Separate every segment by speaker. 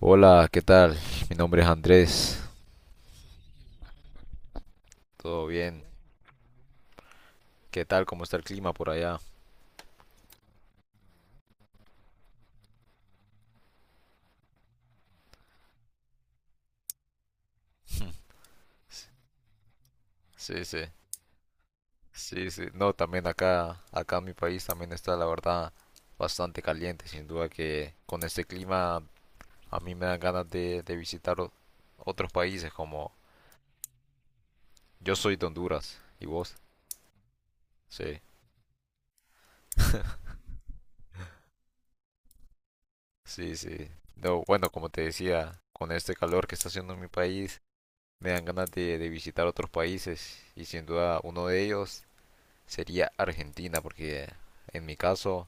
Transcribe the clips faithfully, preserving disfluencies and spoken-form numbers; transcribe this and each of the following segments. Speaker 1: Hola, ¿qué tal? Mi nombre es Andrés. ¿Todo bien? ¿Qué tal? ¿Cómo está el clima por allá? Sí, sí, sí, sí. No, también acá, acá en mi país también está, la verdad, bastante caliente. Sin duda que con este clima a mí me dan ganas de, de visitar o- otros países como yo soy de Honduras. ¿Y vos? Sí, sí, sí. No, bueno, como te decía, con este calor que está haciendo en mi país, me dan ganas de, de visitar otros países y sin duda uno de ellos sería Argentina, porque eh, en mi caso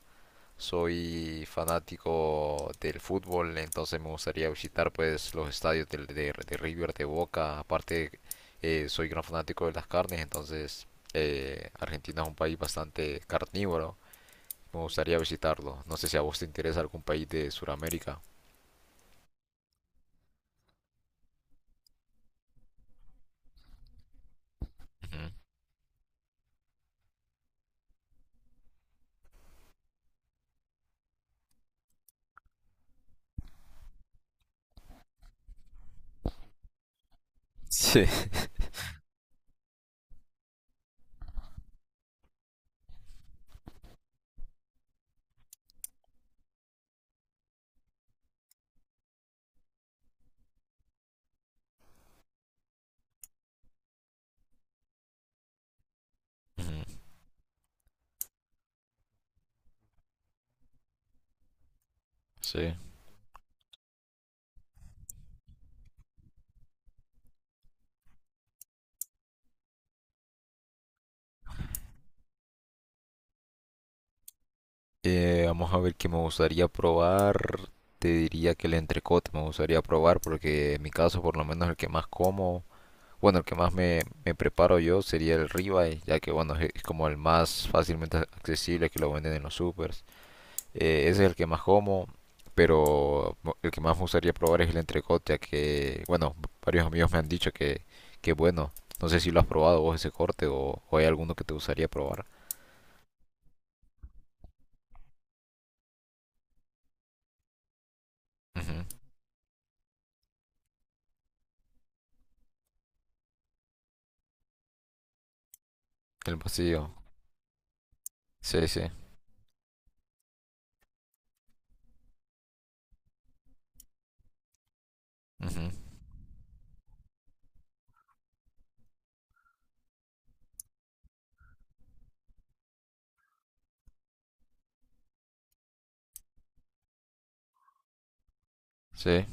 Speaker 1: soy fanático del fútbol, entonces me gustaría visitar pues los estadios del- de, de River, de Boca, aparte eh, soy gran fanático de las carnes, entonces eh, Argentina es un país bastante carnívoro, me gustaría visitarlo. No sé si a vos te interesa algún país de Sudamérica. Ujú. Sí. Ujú. Sí. Eh, vamos a ver qué me gustaría probar. Te diría que el entrecote me gustaría probar porque en mi caso por lo menos el que más como, bueno, el que más me, me preparo yo sería el ribeye, ya que bueno, es es como el más fácilmente accesible que lo venden en los supers. Eh, ese es el que más como, pero mo- el que más me gustaría probar es el entrecote, ya que bueno, varios amigos me han dicho que, que bueno, no sé si lo has probado vos ese corte o, o hay alguno que te gustaría probar. Ujú. El vacío. Sí, sí. Ujú. Sí.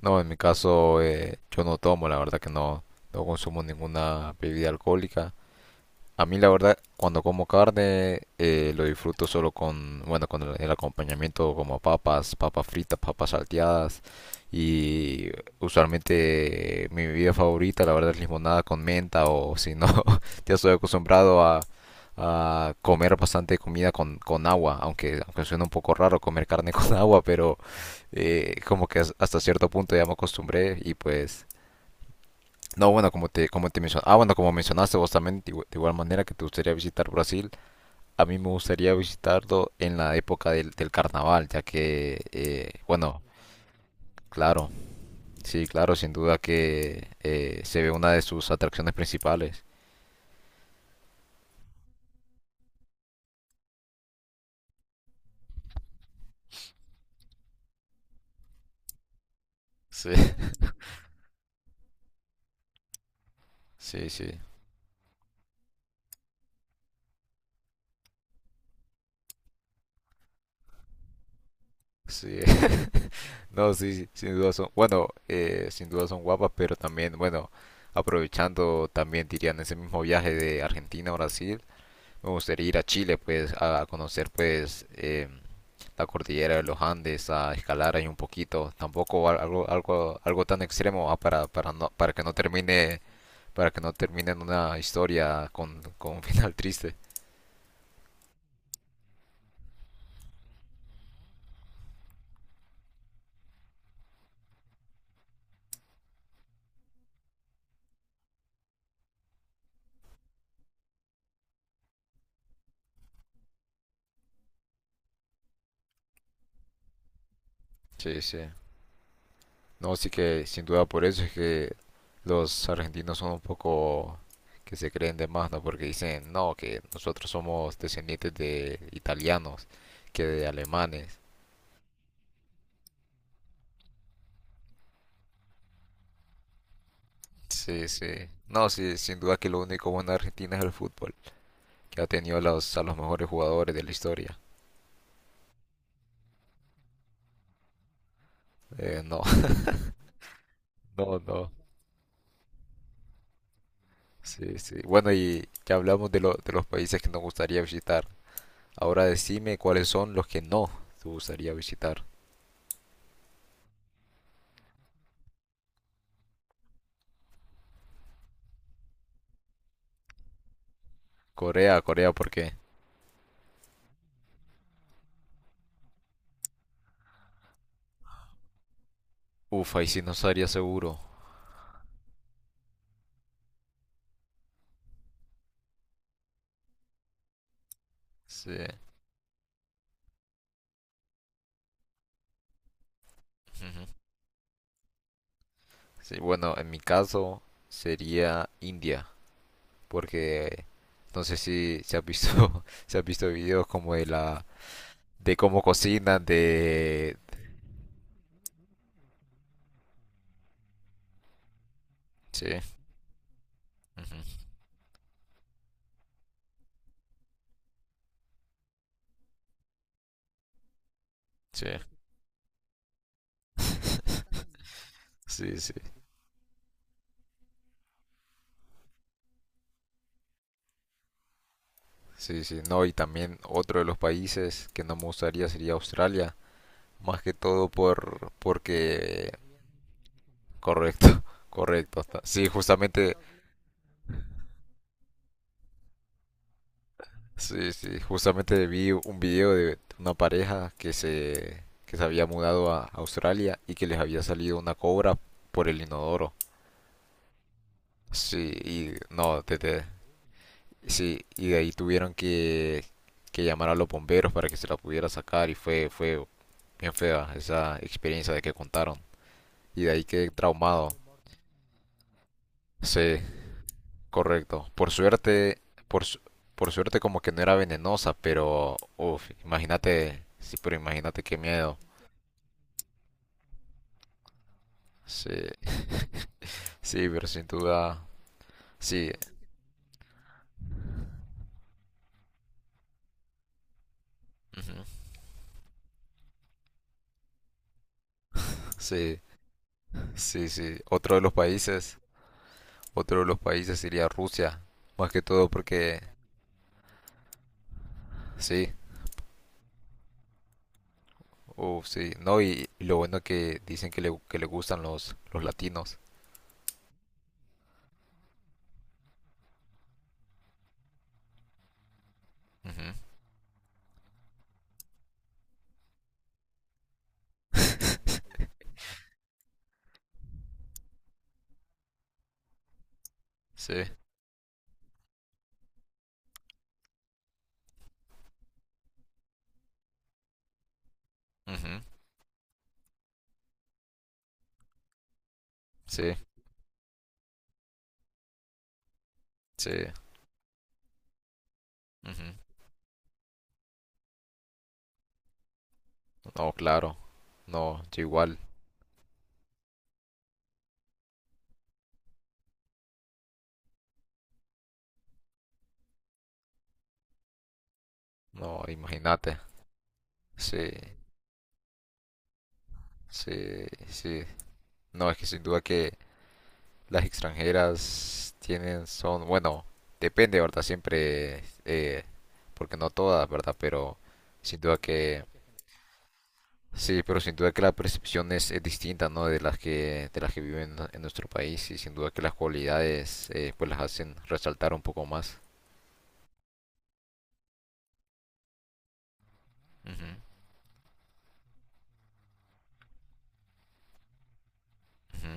Speaker 1: No, en mi caso eh, yo no tomo, la verdad que no, no consumo ninguna bebida alcohólica. A mí la verdad, cuando como carne, eh, lo disfruto solo con, bueno, con el, el acompañamiento como papas, papas fritas, papas salteadas y usualmente eh, mi bebida favorita, la verdad, es limonada con menta o si no, ya estoy acostumbrado a, a comer bastante comida con, con agua, aunque, aunque suena un poco raro comer carne con agua, pero eh, como que as- hasta cierto punto ya me acostumbré y pues no, bueno, como te, como te mencion- ah, bueno, como mencionaste vos también, de, igu- de igual manera que te gustaría visitar Brasil, a mí me gustaría visitarlo en la época del, del carnaval, ya que, eh, bueno, claro, sí, claro, sin duda que eh, se ve una de sus atracciones principales. Sí, sí, sí, sí. No, sí, sí, sin duda son, bueno, eh, sin duda son guapas, pero también, bueno, aprovechando también, dirían, ese mismo viaje de Argentina a Brasil, me gustaría ir a Chile, pues, a conocer, pues, em, la cordillera de los Andes a escalar ahí un poquito, tampoco algo, algo, algo tan extremo ah, para, para, no, para que no termine, para que no termine en una historia con, con un final triste. Sí, sí. No, sí que sin duda por eso es que los argentinos son un poco que se creen de más, ¿no? Porque dicen, no, que nosotros somos descendientes de italianos, que de alemanes. Sí, sí. No, sí, sin duda que lo único bueno de Argentina es el fútbol, que ha tenido los, a los mejores jugadores de la historia. Eh, no, no, no. Sí, sí. Bueno, y ya hablamos de, lo- de los países que nos gustaría visitar. Ahora decime cuáles son los que no te gustaría visitar. Corea, Corea, ¿por qué? Uf, ahí sí no estaría seguro. Sí. Ujú. Sí, bueno, en mi caso sería India, porque no sé si se ha visto, se ha visto videos como de la, de cómo cocinan, de... Sí, ujú, sí. Sí, sí. Sí, sí, no, y también otro de los países que no me gustaría sería Australia, más que todo por porque correcto, correcto. está- Sí, justamente, sí, sí, justamente vi un video de una pareja que se que se había mudado a Australia y que les había salido una cobra por el inodoro. Sí, y no, te, te- sí, y de ahí tuvieron que que llamar a los bomberos para que se la pudiera sacar y fue fue bien fea esa experiencia de que contaron. Y de ahí quedé traumado. Sí, correcto. Por suerte, por, su- por suerte como que no era venenosa, pero uff, imagínate, sí, pero imagínate qué miedo. Sí, sí, pero sin duda, sí, ujú, sí, sí, sí. Otro de los países, otro de los países sería Rusia, más que todo porque, sí, uff, sí, no, y, y lo bueno que dicen que le, que le gustan los, los latinos. Ujú. Sí, ujú, sí, sí, ujú. No, claro. No, yo igual. No, imagínate. Sí, sí, sí. No, es que sin duda que las extranjeras tienen, son, bueno, depende, ¿verdad? Siempre, eh, porque no todas, ¿verdad? Pero sin duda que, sí, pero sin duda que la percepción es, es distinta, ¿no? De las que, de las que viven en nuestro país y sin duda que las cualidades, eh, pues las hacen resaltar un poco más. Ujú, ujú.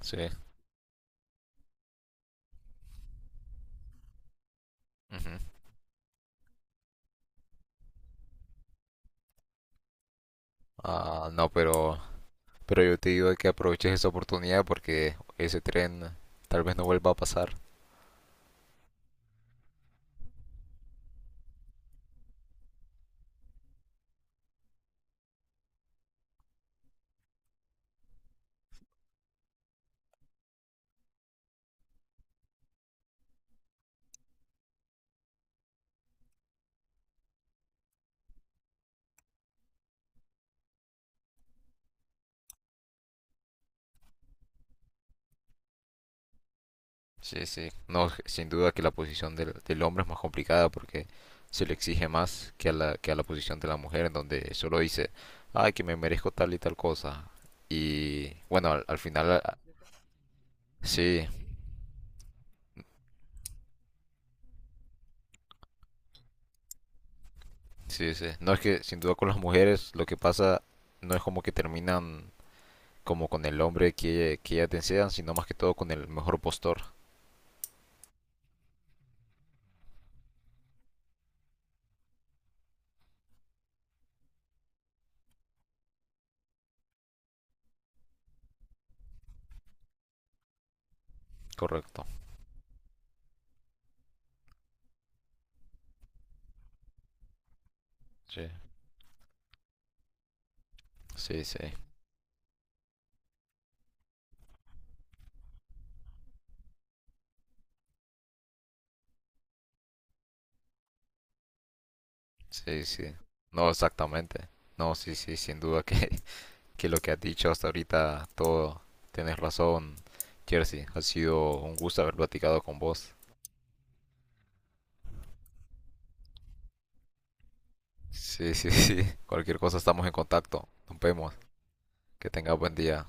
Speaker 1: Sí. Ujú. Ah, no, pero Pero yo te digo que aproveches esa oportunidad porque ese tren tal vez no vuelva a pasar. Sí, sí. No, sin duda que la posición del, del hombre es más complicada porque se le exige más que a la, que a la posición de la mujer en donde solo dice, ay, que me merezco tal y tal cosa. Y bueno, al, al final, a- sí, sí, sí. No es que sin duda con las mujeres lo que pasa no es como que terminan como con el hombre que, que ellas desean, sino más que todo con el mejor postor. Correcto. Sí, sí, sí. Sí, sí. No, exactamente. No, sí, sí, sin duda que, que lo que has dicho hasta ahorita, todo, tienes razón, Jersey. Ha sido un gusto haber platicado con vos. Sí, sí, sí. Cualquier cosa estamos en contacto. Nos vemos. Que tengas buen día.